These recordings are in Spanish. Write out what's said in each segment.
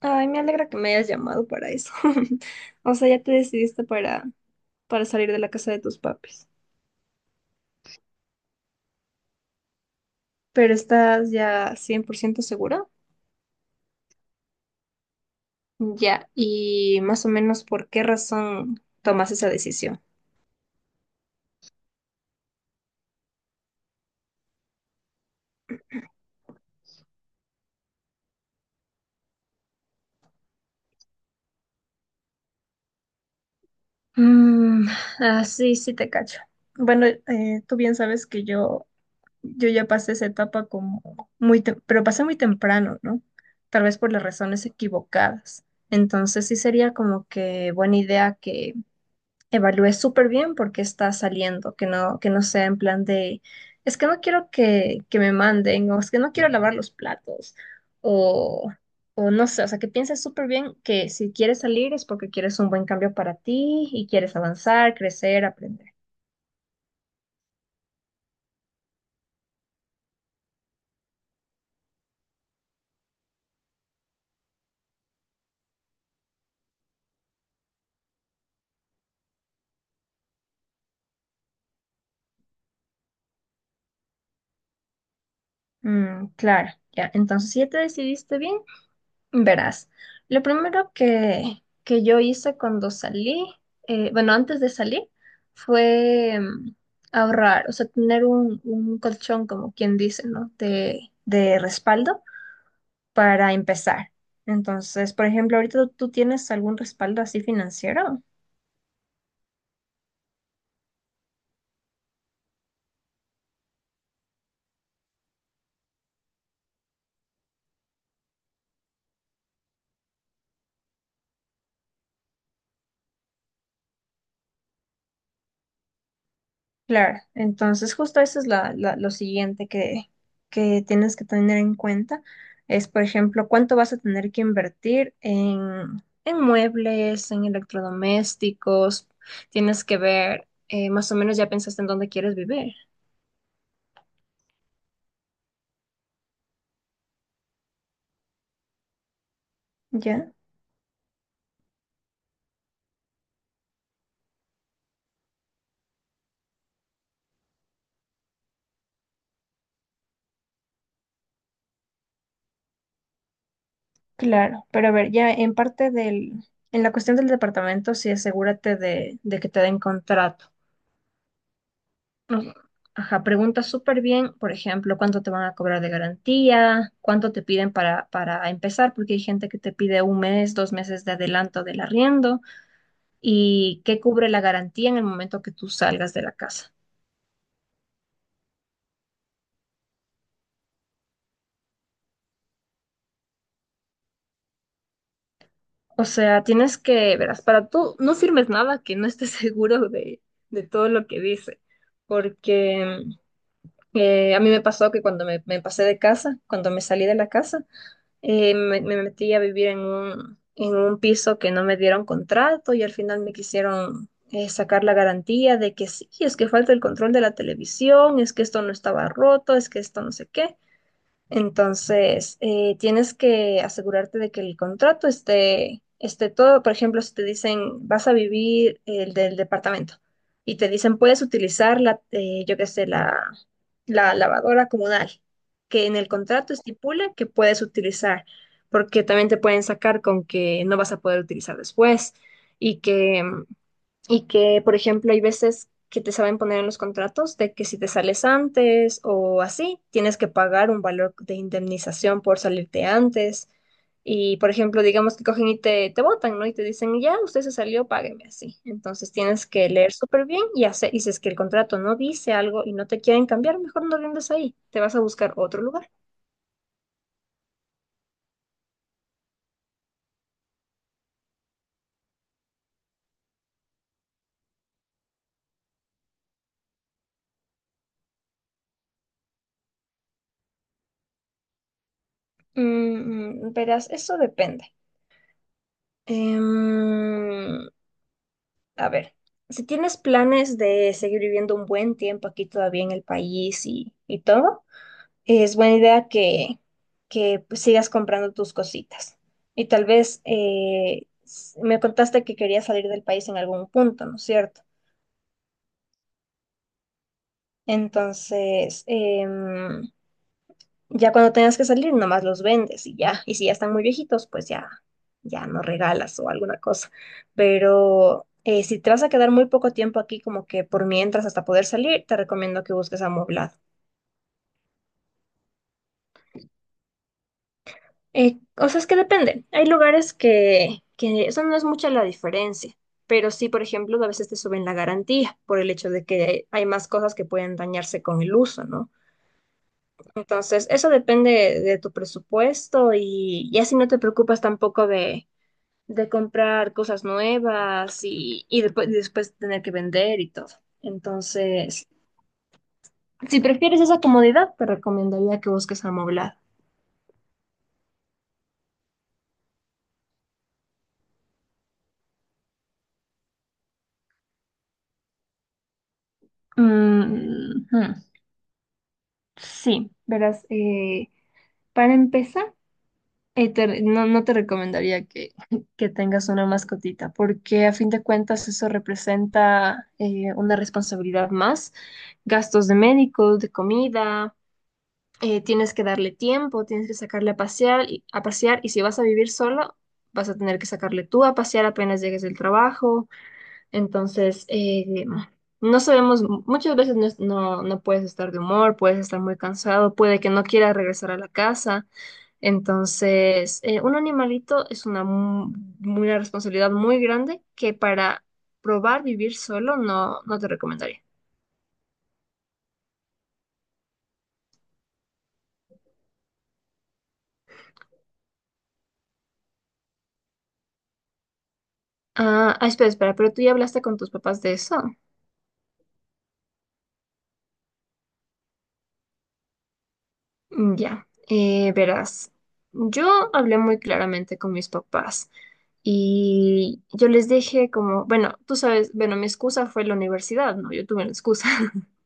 Ay, me alegra que me hayas llamado para eso. O sea, ya te decidiste para salir de la casa de tus papis. Pero estás ya 100% segura. Ya, y más o menos por qué razón tomas esa decisión. Mm, ah, sí, sí te cacho. Bueno, tú bien sabes que yo ya pasé esa etapa como muy, pero pasé muy temprano, ¿no? Tal vez por las razones equivocadas. Entonces sí sería como que buena idea que evalúe súper bien por qué está saliendo, que no sea en plan de, es que no quiero que me manden, o es que no quiero lavar los platos, o, o no sé, o sea, que pienses súper bien que si quieres salir es porque quieres un buen cambio para ti y quieres avanzar, crecer, aprender. Mm, claro, ya, entonces si ya te decidiste bien, verás, lo primero que yo hice cuando salí, bueno, antes de salir, fue ahorrar, o sea, tener un colchón, como quien dice, ¿no? De respaldo para empezar. Entonces, por ejemplo, ahorita tú tienes algún respaldo así financiero. Claro, entonces justo eso es lo siguiente que tienes que tener en cuenta, es por ejemplo cuánto vas a tener que invertir en muebles, en electrodomésticos, tienes que ver más o menos ya pensaste en dónde quieres vivir. Ya, claro, pero a ver, ya en parte en la cuestión del departamento, sí asegúrate de que te den contrato. O Ajá, pregunta súper bien, por ejemplo, cuánto te van a cobrar de garantía, cuánto te piden para empezar, porque hay gente que te pide un mes, 2 meses de adelanto del arriendo y qué cubre la garantía en el momento que tú salgas de la casa. O sea, tienes que, verás, para tú no firmes nada que no estés seguro de todo lo que dice, porque a mí me pasó que cuando me pasé de casa, cuando me salí de la casa, me metí a vivir en un piso que no me dieron contrato y al final me quisieron sacar la garantía de que sí, es que falta el control de la televisión, es que esto no estaba roto, es que esto no sé qué. Entonces, tienes que asegurarte de que el contrato esté todo. Por ejemplo, si te dicen, vas a vivir el del departamento y te dicen, puedes utilizar yo qué sé, la lavadora comunal, que en el contrato estipula que puedes utilizar, porque también te pueden sacar con que no vas a poder utilizar después y que, por ejemplo, hay veces que te saben poner en los contratos de que si te sales antes o así, tienes que pagar un valor de indemnización por salirte antes. Y, por ejemplo, digamos que cogen y te botan, ¿no? Y te dicen, ya, usted se salió, págueme así. Entonces tienes que leer súper bien y hacer, y si es que el contrato no dice algo y no te quieren cambiar, mejor no rindes ahí, te vas a buscar otro lugar. Verás, eso depende. Em, A ver, si tienes planes de seguir viviendo un buen tiempo aquí todavía en el país y todo, es buena idea que pues, sigas comprando tus cositas. Y tal vez me contaste que querías salir del país en algún punto, ¿no es cierto? Entonces, ya cuando tengas que salir, nomás los vendes y ya. Y si ya están muy viejitos, pues ya no regalas o alguna cosa. Pero si te vas a quedar muy poco tiempo aquí, como que por mientras hasta poder salir, te recomiendo que busques amoblado. O sea, es que depende. Hay lugares que eso no es mucha la diferencia. Pero sí, por ejemplo, a veces te suben la garantía por el hecho de que hay más cosas que pueden dañarse con el uso, ¿no? Entonces, eso depende de tu presupuesto y así no te preocupas tampoco de comprar cosas nuevas y después tener que vender y todo. Entonces, si prefieres esa comodidad, te recomendaría que busques Amoblad. Mm, ujú. Sí, verás, para empezar, no, no te recomendaría que, que tengas una mascotita, porque a fin de cuentas eso representa una responsabilidad más, gastos de médicos, de comida. Tienes que darle tiempo, tienes que sacarle a pasear, a pasear y si vas a vivir solo, vas a tener que sacarle tú a pasear apenas llegues del trabajo. Entonces, no sabemos, muchas veces no, no, no puedes estar de humor, puedes estar muy cansado, puede que no quieras regresar a la casa. Entonces, un animalito es una responsabilidad muy grande que para probar vivir solo no, no te recomendaría. Ah, ah, espera, espera, pero tú ya hablaste con tus papás de eso. Ya, verás, yo hablé muy claramente con mis papás y yo les dije como, bueno, tú sabes, bueno, mi excusa fue la universidad, ¿no? Yo tuve una excusa.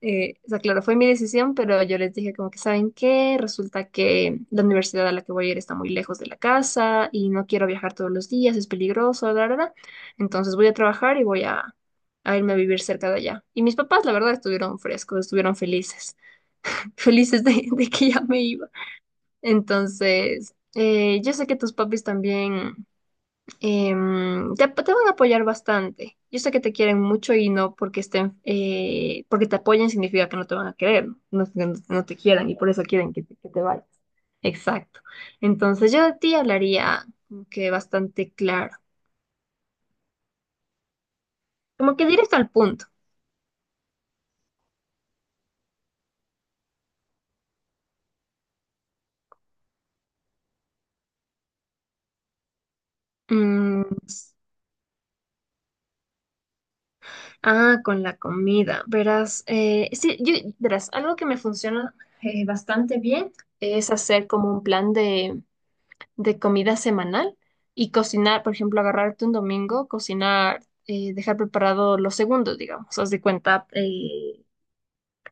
O sea, claro, fue mi decisión, pero yo les dije como que, ¿saben qué? Resulta que la universidad a la que voy a ir está muy lejos de la casa y no quiero viajar todos los días, es peligroso, la verdad. Entonces voy a trabajar y voy a irme a vivir cerca de allá. Y mis papás, la verdad, estuvieron frescos, estuvieron felices felices de que ya me iba. Entonces, yo sé que tus papis también te van a apoyar bastante. Yo sé que te quieren mucho y no porque estén, porque te apoyen significa que no te van a querer, no, no te quieran y por eso quieren que te vayas. Exacto. Entonces, yo de ti hablaría como que bastante claro, como que directo al punto. Mm, s- ah, con la comida. Verás, sí, verás, algo que me funciona bastante bien es hacer como un plan de comida semanal y cocinar, por ejemplo, agarrarte un domingo, cocinar, dejar preparado los segundos, digamos, haz de cuenta,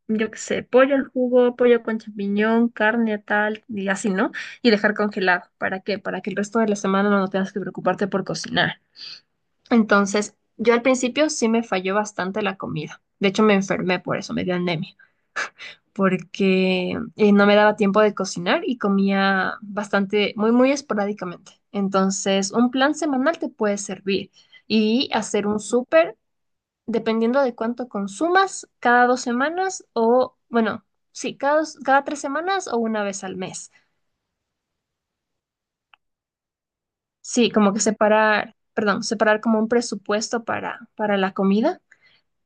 yo qué sé, pollo al jugo, pollo con champiñón, carne tal, y así, ¿no? Y dejar congelado, ¿para qué? Para que el resto de la semana no tengas que preocuparte por cocinar. Entonces, yo al principio sí me falló bastante la comida. De hecho, me enfermé por eso, me dio anemia porque no me daba tiempo de cocinar y comía bastante, muy, muy esporádicamente. Entonces, un plan semanal te puede servir y hacer un súper, dependiendo de cuánto consumas, cada 2 semanas o, bueno, sí, cada 3 semanas o una vez al mes. Sí, como que separar, perdón, separar como un presupuesto para la comida.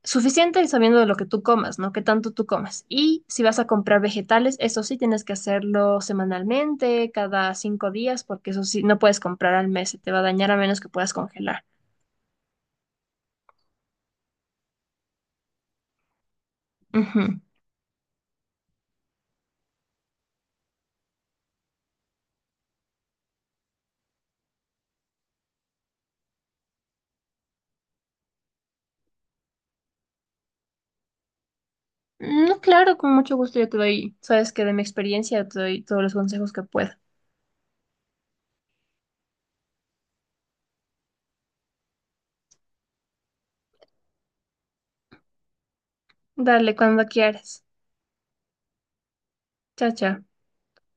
Suficiente sabiendo de lo que tú comas, ¿no? ¿Qué tanto tú comas? Y si vas a comprar vegetales, eso sí tienes que hacerlo semanalmente, cada 5 días, porque eso sí, no puedes comprar al mes, se te va a dañar a menos que puedas congelar. Ujú. No, claro, con mucho gusto yo te doy, sabes que de mi experiencia te doy todos los consejos que puedo. Dale, cuando quieras. Chao, chao.